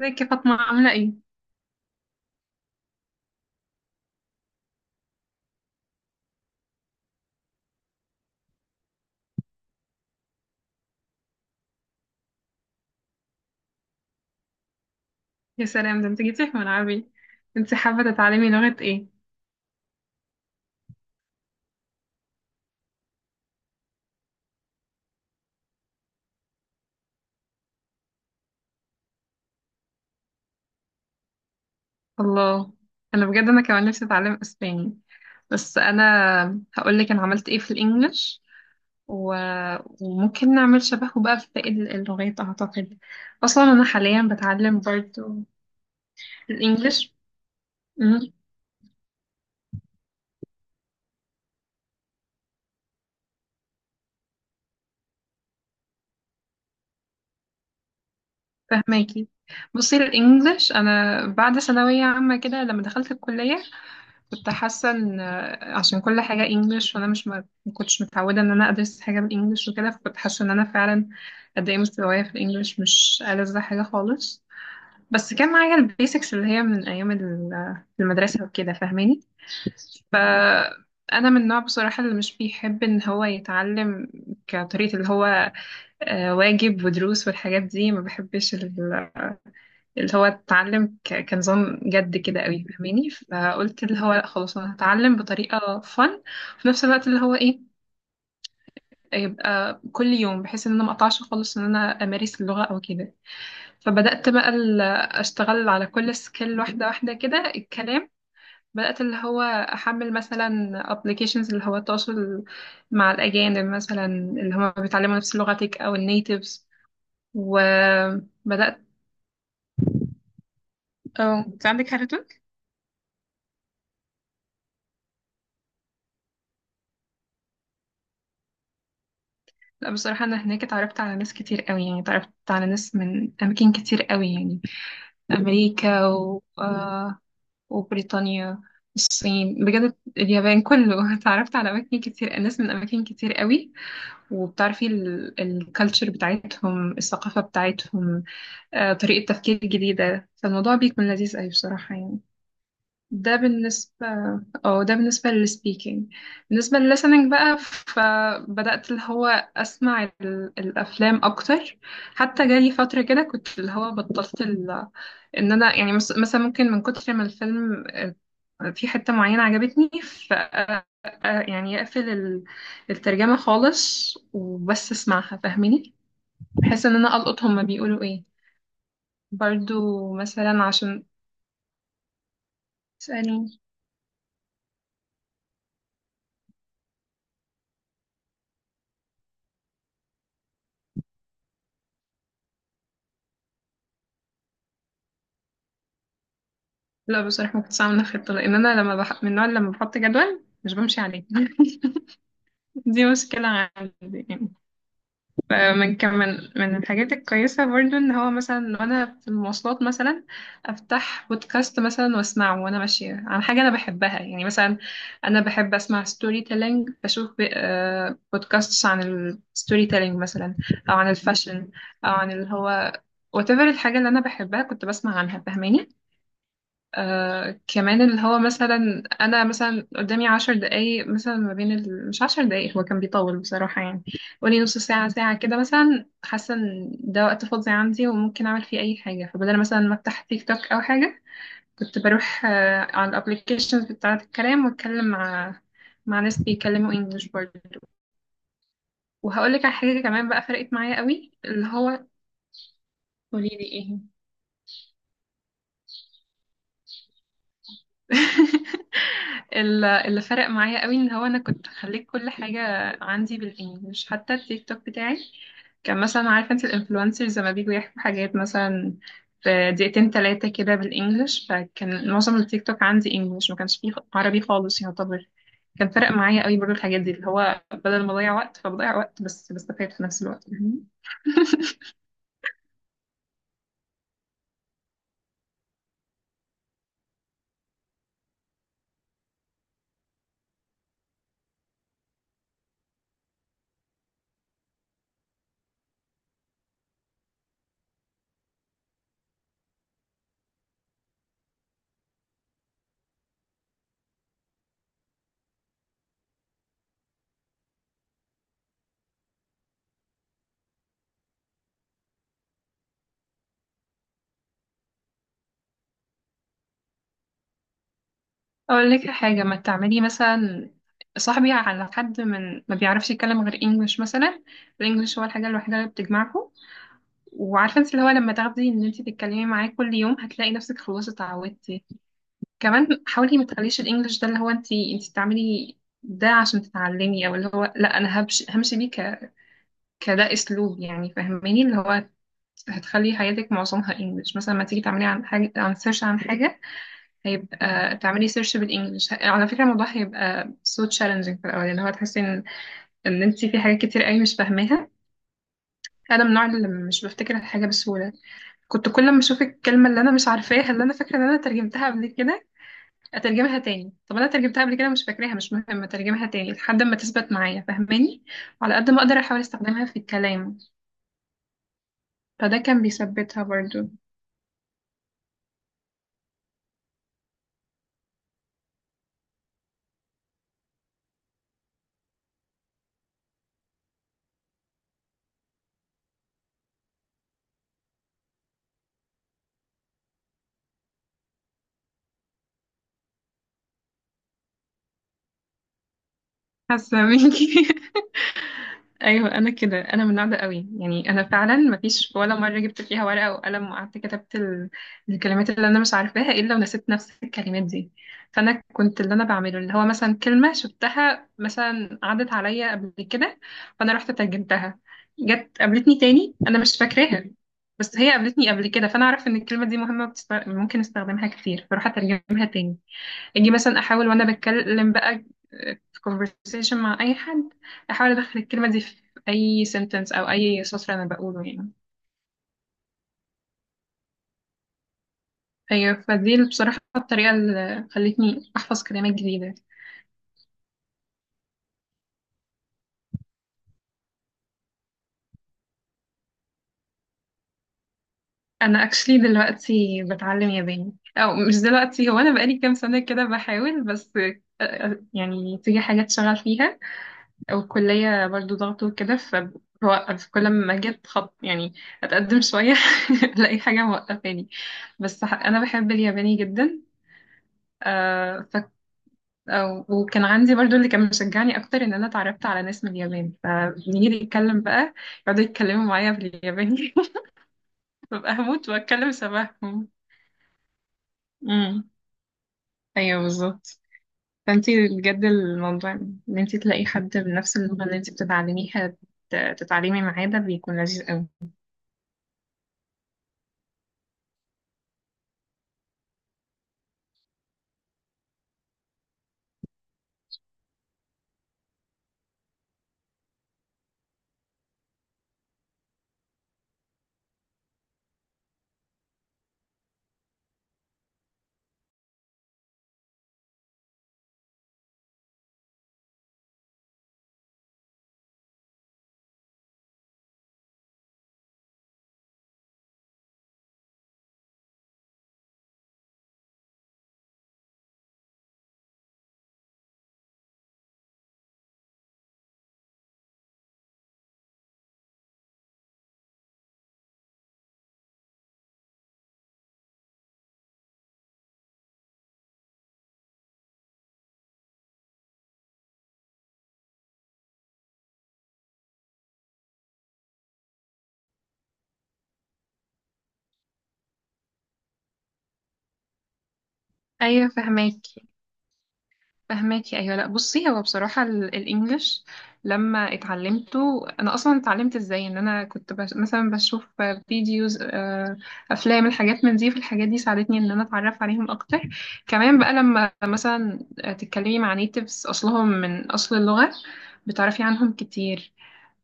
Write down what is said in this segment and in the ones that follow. ازيك يا فاطمة عاملة ايه؟ يا سلام، ده انت جيتي في ملعبي. انت حابة تتعلمي لغة ايه؟ الله، انا بجد انا كمان نفسي اتعلم اسباني. بس انا هقولك انا عملت ايه في الانجليش و... وممكن نعمل شبهه بقى في باقي اللغات اعتقد. اصلا انا حاليا بتعلم برضه الانجليش. مم، فهماكي. بصي، الانجليش انا بعد ثانوية عامة كده لما دخلت الكلية كنت حاسة ان عشان كل حاجة انجلش، وانا مش ما كنتش متعودة ان انا ادرس حاجة بالانجلش وكده، فكنت حاسة ان انا فعلا قد ايه مستوايا في الانجلش، مش ألذ حاجة خالص. بس كان معايا البيسكس اللي هي من ايام المدرسة وكده، فاهماني. انا من النوع بصراحة اللي مش بيحب ان هو يتعلم كطريقة اللي هو واجب ودروس والحاجات دي ما بحبش. اللي هو اتعلم كنظام جد كده قوي فاهماني. فقلت اللي هو لأ خلاص انا هتعلم بطريقه فن في نفس الوقت اللي هو ايه، يبقى كل يوم، بحيث ان انا ما اقطعش خالص ان انا امارس اللغه او كده. فبدات بقى اشتغل على كل سكيل واحده واحده كده الكلام. بدات اللي هو احمل مثلا ابلكيشنز اللي هو التواصل مع الاجانب مثلا اللي هم بيتعلموا نفس لغتك او النيتيفز. وبدات، اه انت عندك حاجه. لا بصراحة، أنا هناك اتعرفت على ناس كتير قوي، يعني اتعرفت على ناس من أماكن كتير قوي، يعني أمريكا و... آه، وبريطانيا، الصين بجد، اليابان، كله اتعرفت على أماكن كتير، ناس من أماكن كتير قوي، وبتعرفي الكالتشر بتاعتهم، الثقافة بتاعتهم، طريقة تفكير جديدة، فالموضوع بيكون لذيذ قوي بصراحة يعني. ده بالنسبة، اه ده بالنسبة للسبيكينج. بالنسبة للlistening بقى، فبدأت اللي هو أسمع الأفلام أكتر. حتى جالي فترة كده كنت اللي هو بطلت إن أنا يعني مثلا ممكن من كتر ما الفيلم في حتة معينة عجبتني ف آه، آه، يعني أقفل الترجمة خالص وبس أسمعها فاهميني، بحيث إن أنا ألقط هما بيقولوا إيه. برضو مثلا عشان تسألني. لا بصراحة ما كنتش عاملة خطة، لأن أنا لما من النوع اللي لما بحط جدول مش بمشي عليه دي مشكلة عندي يعني. فمن كم من الحاجات الكويسة برضو إن هو مثلا وأنا في المواصلات مثلا أفتح بودكاست مثلا وأسمعه وأنا ماشية عن حاجة أنا بحبها، يعني مثلا أنا بحب أسمع ستوري تيلينج، بشوف ب... آه، بودكاsts عن الستوري تيلينج مثلا، أو عن الفاشن، أو عن اللي هو whatever الحاجة اللي أنا بحبها كنت بسمع عنها فاهماني. آه كمان اللي هو مثلا انا مثلا قدامي 10 دقايق مثلا ما بين مش 10 دقايق، هو كان بيطول بصراحة يعني، قولي نص ساعة ساعة كده مثلا، حاسة ان ده وقت فاضي عندي وممكن اعمل فيه اي حاجة، فبدل مثلا ما افتح تيك توك او حاجة كنت بروح على الابليكيشنز بتاعة الكلام واتكلم مع ناس بيتكلموا انجلش برضه. وهقول لك على حاجة كمان بقى فرقت معايا قوي اللي هو. قولي لي ايه اللي فرق معايا قوي ان هو انا كنت خليت كل حاجه عندي بالانجلش، حتى التيك توك بتاعي كان مثلا، عارفه انت الانفلونسرز لما بيجوا يحكوا حاجات مثلا في دقيقتين ثلاثه كده بالانجلش، فكان معظم التيك توك عندي انجلش ما كانش فيه عربي خالص يعتبر. كان فرق معايا قوي برضو الحاجات دي، اللي هو بدل ما اضيع وقت فبضيع وقت بس بستفاد في نفس الوقت. اقول لك حاجه، ما تعملي مثلا صاحبي على حد من ما بيعرفش يتكلم غير انجلش مثلا، الانجليش هو الحاجه الوحيده اللي بتجمعكم. وعارفه انت اللي هو لما تاخدي ان انت تتكلمي معاه كل يوم، هتلاقي نفسك خلاص اتعودتي. كمان حاولي ما تخليش الانجليش ده اللي هو انت بتعملي ده عشان تتعلمي، او اللي هو لا، انا همشي همشي بيه كده اسلوب يعني فاهماني، اللي هو هتخلي حياتك معظمها انجليش. مثلا ما تيجي تعملي عن حاجه، عن سيرش عن حاجه هيبقى تعملي سيرش بالانجلش، على فكره الموضوع هيبقى so challenging في الاول، اللي هو تحسي ان انت في حاجات كتير قوي مش فاهماها. انا من النوع اللي مش بفتكر الحاجه بسهوله، كنت كل ما اشوف الكلمه اللي انا مش عارفاها اللي انا فاكره ان انا ترجمتها قبل كده، اترجمها تاني. طب انا ترجمتها قبل كده مش فاكراها، مش مهم، اترجمها تاني لحد ما تثبت معايا فاهماني. وعلى قد ما اقدر احاول استخدمها في الكلام، فده كان بيثبتها برضو. حاسه منكي ايوه انا كده، انا من النوع ده قوي يعني، انا فعلا ما فيش ولا مره جبت فيها ورقه وقلم وقعدت كتبت الكلمات اللي انا مش عارفاها الا ونسيت نفس الكلمات دي. فانا كنت اللي انا بعمله اللي هو مثلا كلمه شفتها مثلا عدت عليا قبل كده، فانا رحت ترجمتها، جت قابلتني تاني انا مش فاكراها، بس هي قابلتني قبل كده فانا اعرف ان الكلمه دي مهمه ممكن استخدمها كتير، فاروح اترجمها تاني. اجي مثلا احاول وانا بتكلم بقى في conversation مع اي حد، احاول ادخل الكلمه دي في اي sentence او اي سطر انا بقوله يعني. هي فدي اللي بصراحه الطريقه اللي خلتني احفظ كلمات جديده. انا actually دلوقتي بتعلم ياباني، او مش دلوقتي، هو انا بقالي كام سنه كده بحاول، بس يعني تيجي حاجات شغال فيها والكلية برضو ضغط وكده، فبوقف كل ما جيت خط يعني أتقدم شوية ألاقي حاجة موقفاني. بس أنا بحب الياباني جدا. آه ف... آه، وكان عندي برضو اللي كان مشجعني أكتر إن أنا اتعرفت على ناس من اليابان، فبنيجي نتكلم بقى يقعدوا يتكلموا معايا بالياباني ببقى هموت وأتكلم شبههم. امم، أيوه بالظبط. فأنتي بجد الموضوع إن أنتي تلاقي حد بنفس اللغة اللي أنتي بتتعلميها تتعلمي معاه، ده بيكون لذيذ أوي. ايوه فهماكي، فهماكي ايوه، لا بصي هو بصراحه الانجليش لما اتعلمته انا اصلا اتعلمت ازاي ان انا كنت مثلا بشوف فيديوز افلام الحاجات من دي، فالحاجات دي ساعدتني ان انا اتعرف عليهم اكتر. كمان بقى لما مثلا تتكلمي مع نيتيفز اصلهم من اصل اللغه، بتعرفي عنهم كتير،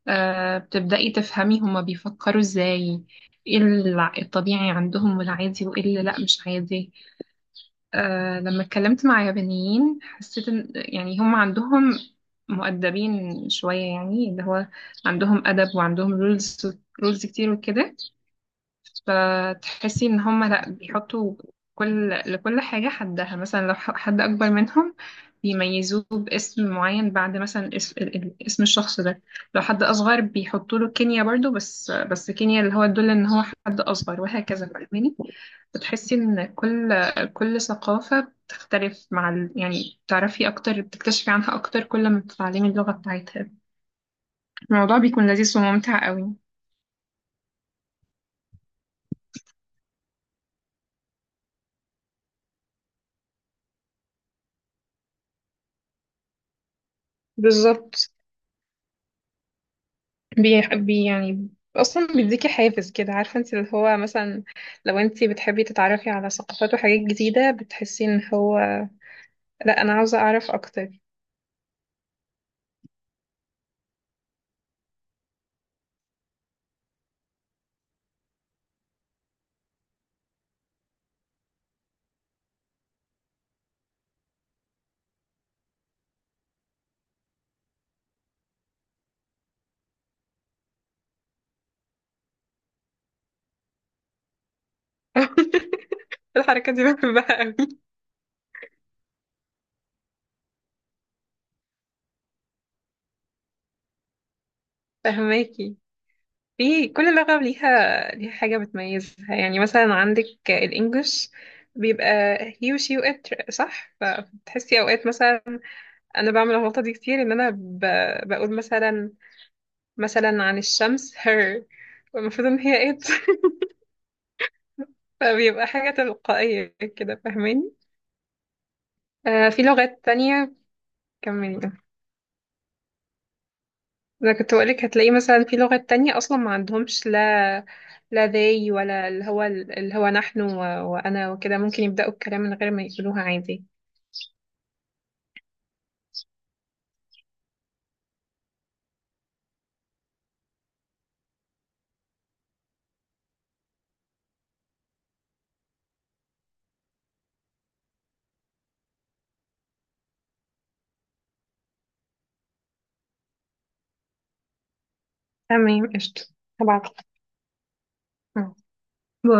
بتبداي تفهمي هما بيفكروا ازاي، ايه الطبيعي عندهم والعادي وايه اللي لا مش عادي. لما اتكلمت مع يابانيين حسيت ان يعني هم عندهم، مؤدبين شوية يعني، اللي هو عندهم أدب وعندهم رولز، رولز كتير وكده. فتحسي ان هم لا بيحطوا لكل حاجة حدها، مثلا لو حد اكبر منهم بيميزوه باسم معين بعد مثلا اسم، اسم الشخص ده، لو حد اصغر بيحطوا له كينيا برضو، بس كينيا اللي هو تدل ان هو حد اصغر وهكذا فاهماني. بتحسي ان كل ثقافة بتختلف مع يعني بتعرفي اكتر، بتكتشفي عنها اكتر كل ما بتتعلمي اللغة بتاعتها، الموضوع بيكون لذيذ وممتع قوي. بالظبط. بيح- بي يعني اصلا بيديكي حافز كده، عارفه انت اللي هو مثلا لو انت بتحبي تتعرفي على ثقافات وحاجات جديده، بتحسي ان هو لا، انا عاوزه اعرف اكتر. الحركه دي بحبها قوي. فهماكي، في كل لغه ليها حاجه بتميزها، يعني مثلا عندك الانجليش بيبقى he و she و it صح، فبتحسي اوقات مثلا انا بعمل الغلطه دي كتير ان انا بقول مثلا، مثلا عن الشمس her، المفروض ان هي it، فبيبقى حاجة تلقائية كده فاهماني. آه في لغات تانية، كملي ده. أنا كنت بقولك هتلاقي مثلا في لغات تانية أصلا ما عندهمش، لا لا they ولا اللي هو نحن وأنا وكده، ممكن يبدأوا الكلام من غير ما يقولوها عادي. تمام قشطة، هبعتلك. آه. باي